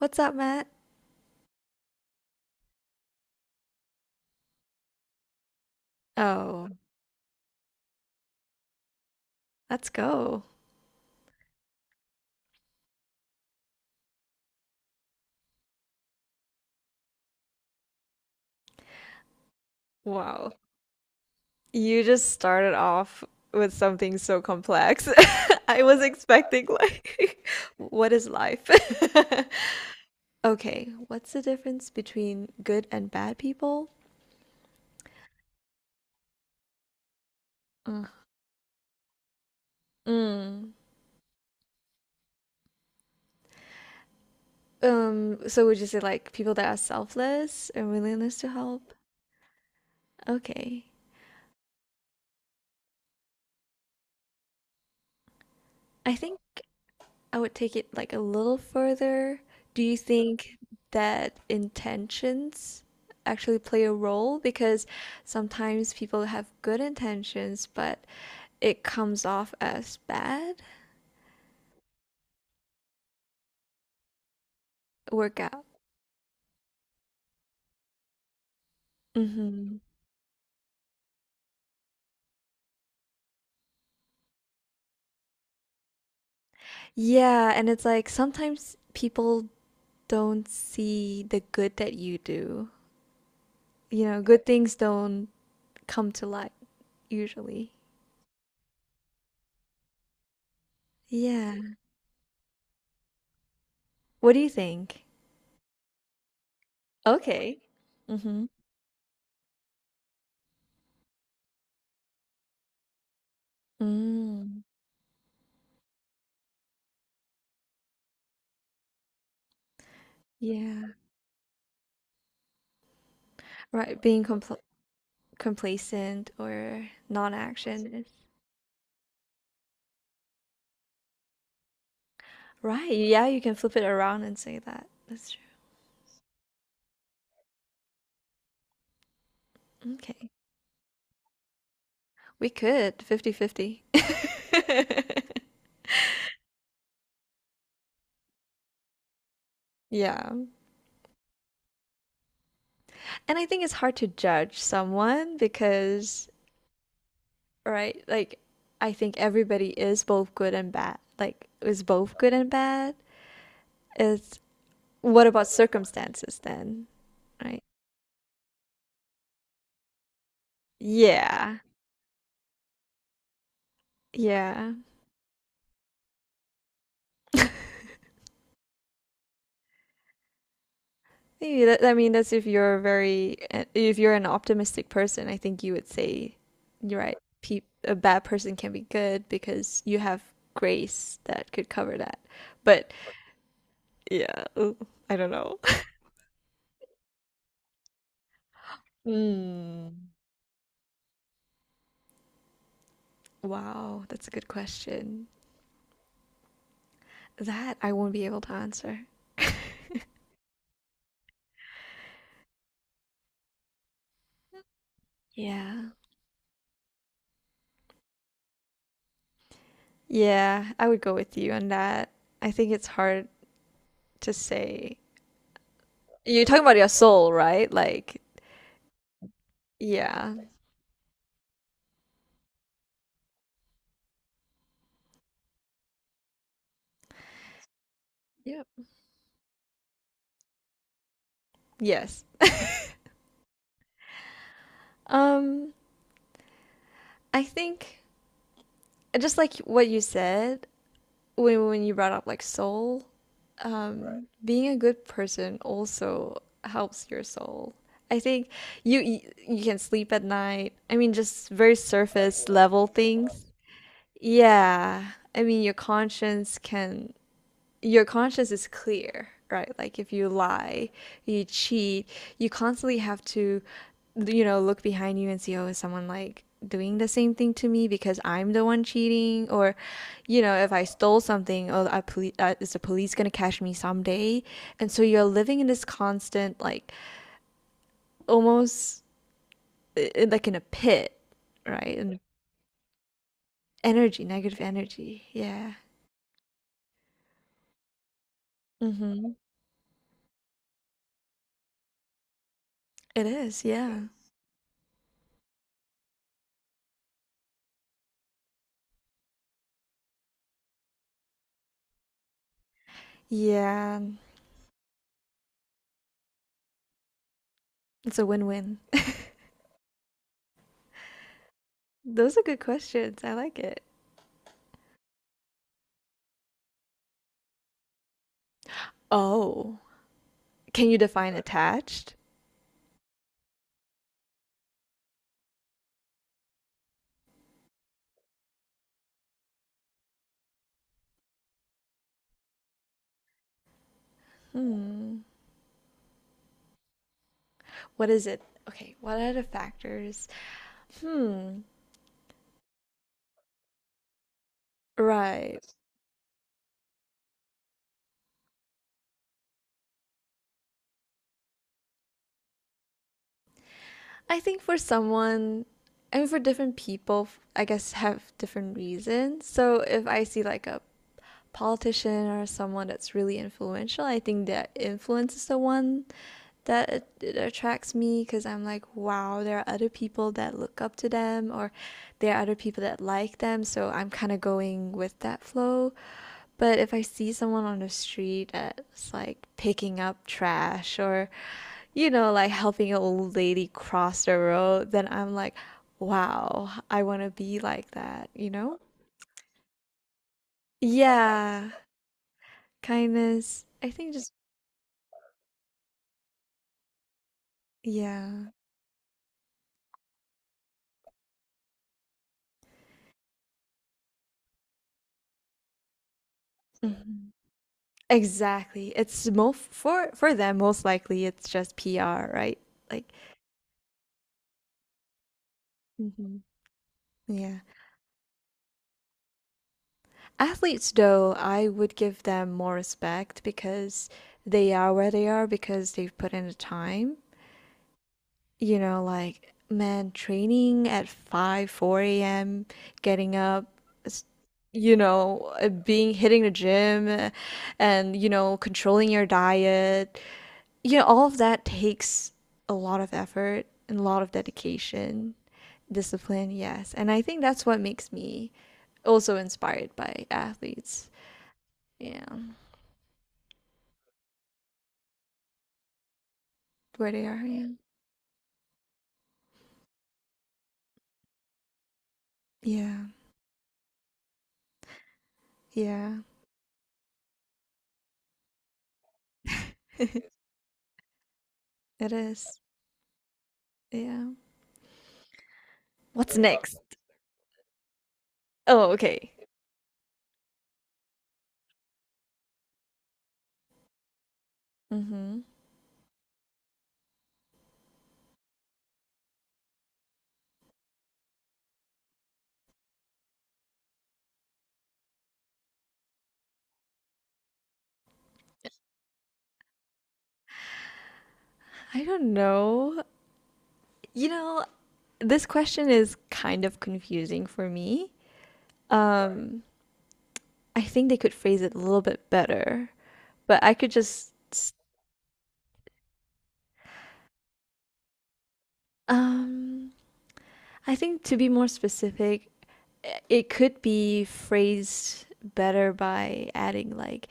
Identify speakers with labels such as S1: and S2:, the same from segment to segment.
S1: What's up, Matt? Oh, let's go. Wow. You just started off with something so complex. I was expecting, like, what is life? Okay, what's the difference between good and bad people? Ugh. Mm. So would you say, like, people that are selfless and willingness to help? Okay. I think. I would take it like a little further. Do you think that intentions actually play a role? Because sometimes people have good intentions, but it comes off as bad workout. Hmm. Yeah, and it's like sometimes people don't see the good that you do. You know, good things don't come to light usually. Yeah. What do you think? Okay. Mm-hmm. Mm, yeah. Right, being complacent or non-action is right. Yeah, you can flip it around and say that. That's true. Okay. We could 50-50. Yeah. And I think it's hard to judge someone because, right, like I think everybody is both good and bad. It's, what about circumstances then, right? Yeah. Yeah. Yeah, that, I mean, that's if you're very, if you're an optimistic person, I think you would say, you're right, pe a bad person can be good because you have grace that could cover that. But yeah, ooh, I don't know. Mm. Wow, that's a good question. That I won't be able to answer. Yeah. Yeah, I would go with you on that. I think it's hard to say. You're talking about your soul, right? Like, yeah. Yep. Yes. Um, I think just like what you said when you brought up like soul, right, being a good person also helps your soul. I think you you can sleep at night. I mean, just very surface level things. Yeah. I mean, your conscience is clear, right? Like if you lie, you cheat, you constantly have to, you know, look behind you and see, oh, is someone like doing the same thing to me because I'm the one cheating? Or, you know, if I stole something, oh, is the police gonna catch me someday? And so you're living in this constant, like almost like in a pit, right? And energy, negative energy. Yeah. Mm-hmm. It is, yeah. Yeah. It's a win-win. Those are good questions. I like it. Oh, can you define attached? Hmm. What is it? Okay, what are the factors? Hmm. Right. I think for someone, I mean, for different people, I guess have different reasons. So if I see like a politician or someone that's really influential, I think their influence is the one that it attracts me because I'm like, wow, there are other people that look up to them, or there are other people that like them. So I'm kind of going with that flow. But if I see someone on the street that's like picking up trash or, you know, like helping an old lady cross the road, then I'm like, wow, I want to be like that, you know? Yeah, kindness. I think just, yeah. Mhm. Exactly. It's mo For them, most likely it's just PR, right? Like, hmm, yeah. Athletes, though, I would give them more respect because they are where they are because they've put in the time. You know, like, man, training at 5, 4 a.m., getting up, s- you know, being hitting the gym and, you know, controlling your diet. You know, all of that takes a lot of effort and a lot of dedication, discipline, yes. And I think that's what makes me also inspired by athletes. Yeah. Where they are. Yeah. Yeah. Yeah. It is. Yeah. What's next? Oh, okay. Mm-hmm. I don't know. You know, this question is kind of confusing for me. Um, I think they could phrase it a little bit better, but I could just, um, I think to be more specific, it could be phrased better by adding like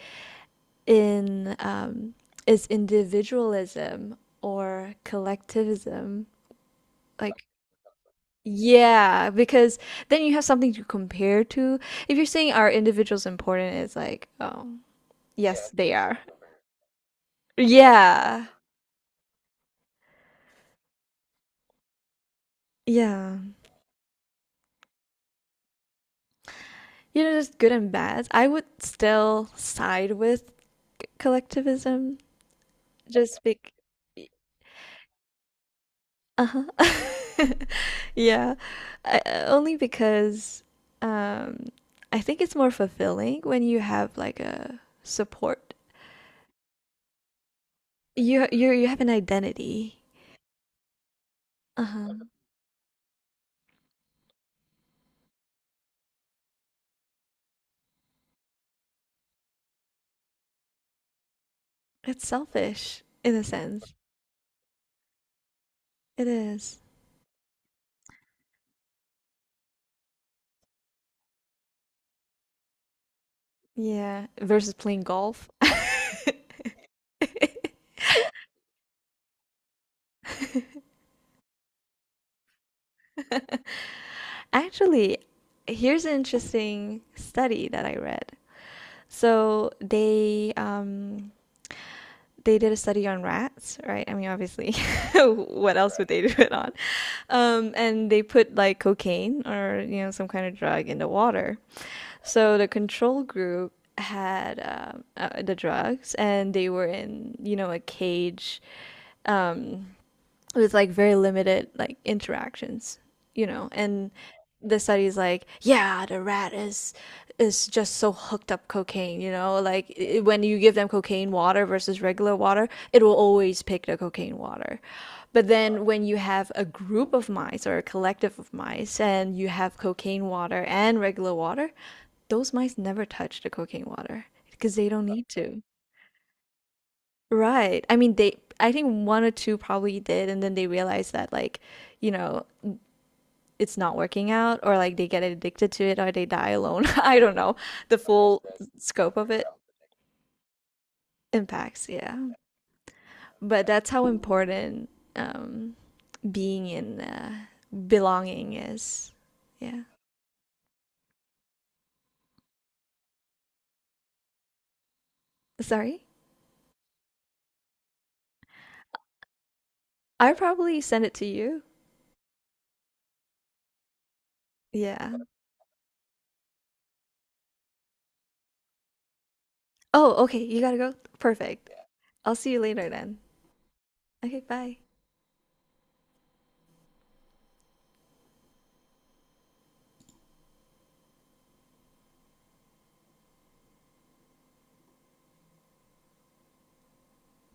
S1: in is individualism or collectivism like, yeah, because then you have something to compare to. If you're saying are individuals important, it's like, oh, yes they are. Yeah. Yeah. You know, there's good and bad. I would still side with collectivism just big. Uh-huh. Yeah. Only because um, I think it's more fulfilling when you have like a support. You have an identity. Uh-huh. It's selfish in a sense. It is. Yeah. Versus playing golf. Actually, here's an interesting study that I read. So they did a study on rats, right? I mean, obviously, what else would they do it on? And they put like cocaine or you know some kind of drug in the water. So the control group had the drugs, and they were in you know a cage, um, with like very limited like interactions, you know, and the study's like, yeah, the rat is just so hooked up cocaine, you know, like I when you give them cocaine water versus regular water, it will always pick the cocaine water. But then when you have a group of mice or a collective of mice and you have cocaine water and regular water, those mice never touch the cocaine water because they don't need to. Right. I mean, they, I think one or two probably did, and then they realize that, like, you know, it's not working out, or like they get addicted to it, or they die alone. I don't know the full scope of it impacts. Yeah. But that's how important um, being in belonging is. Yeah. Sorry. I probably send it to you. Yeah. Oh, okay. You gotta go. Perfect. I'll see you later then. Okay, bye.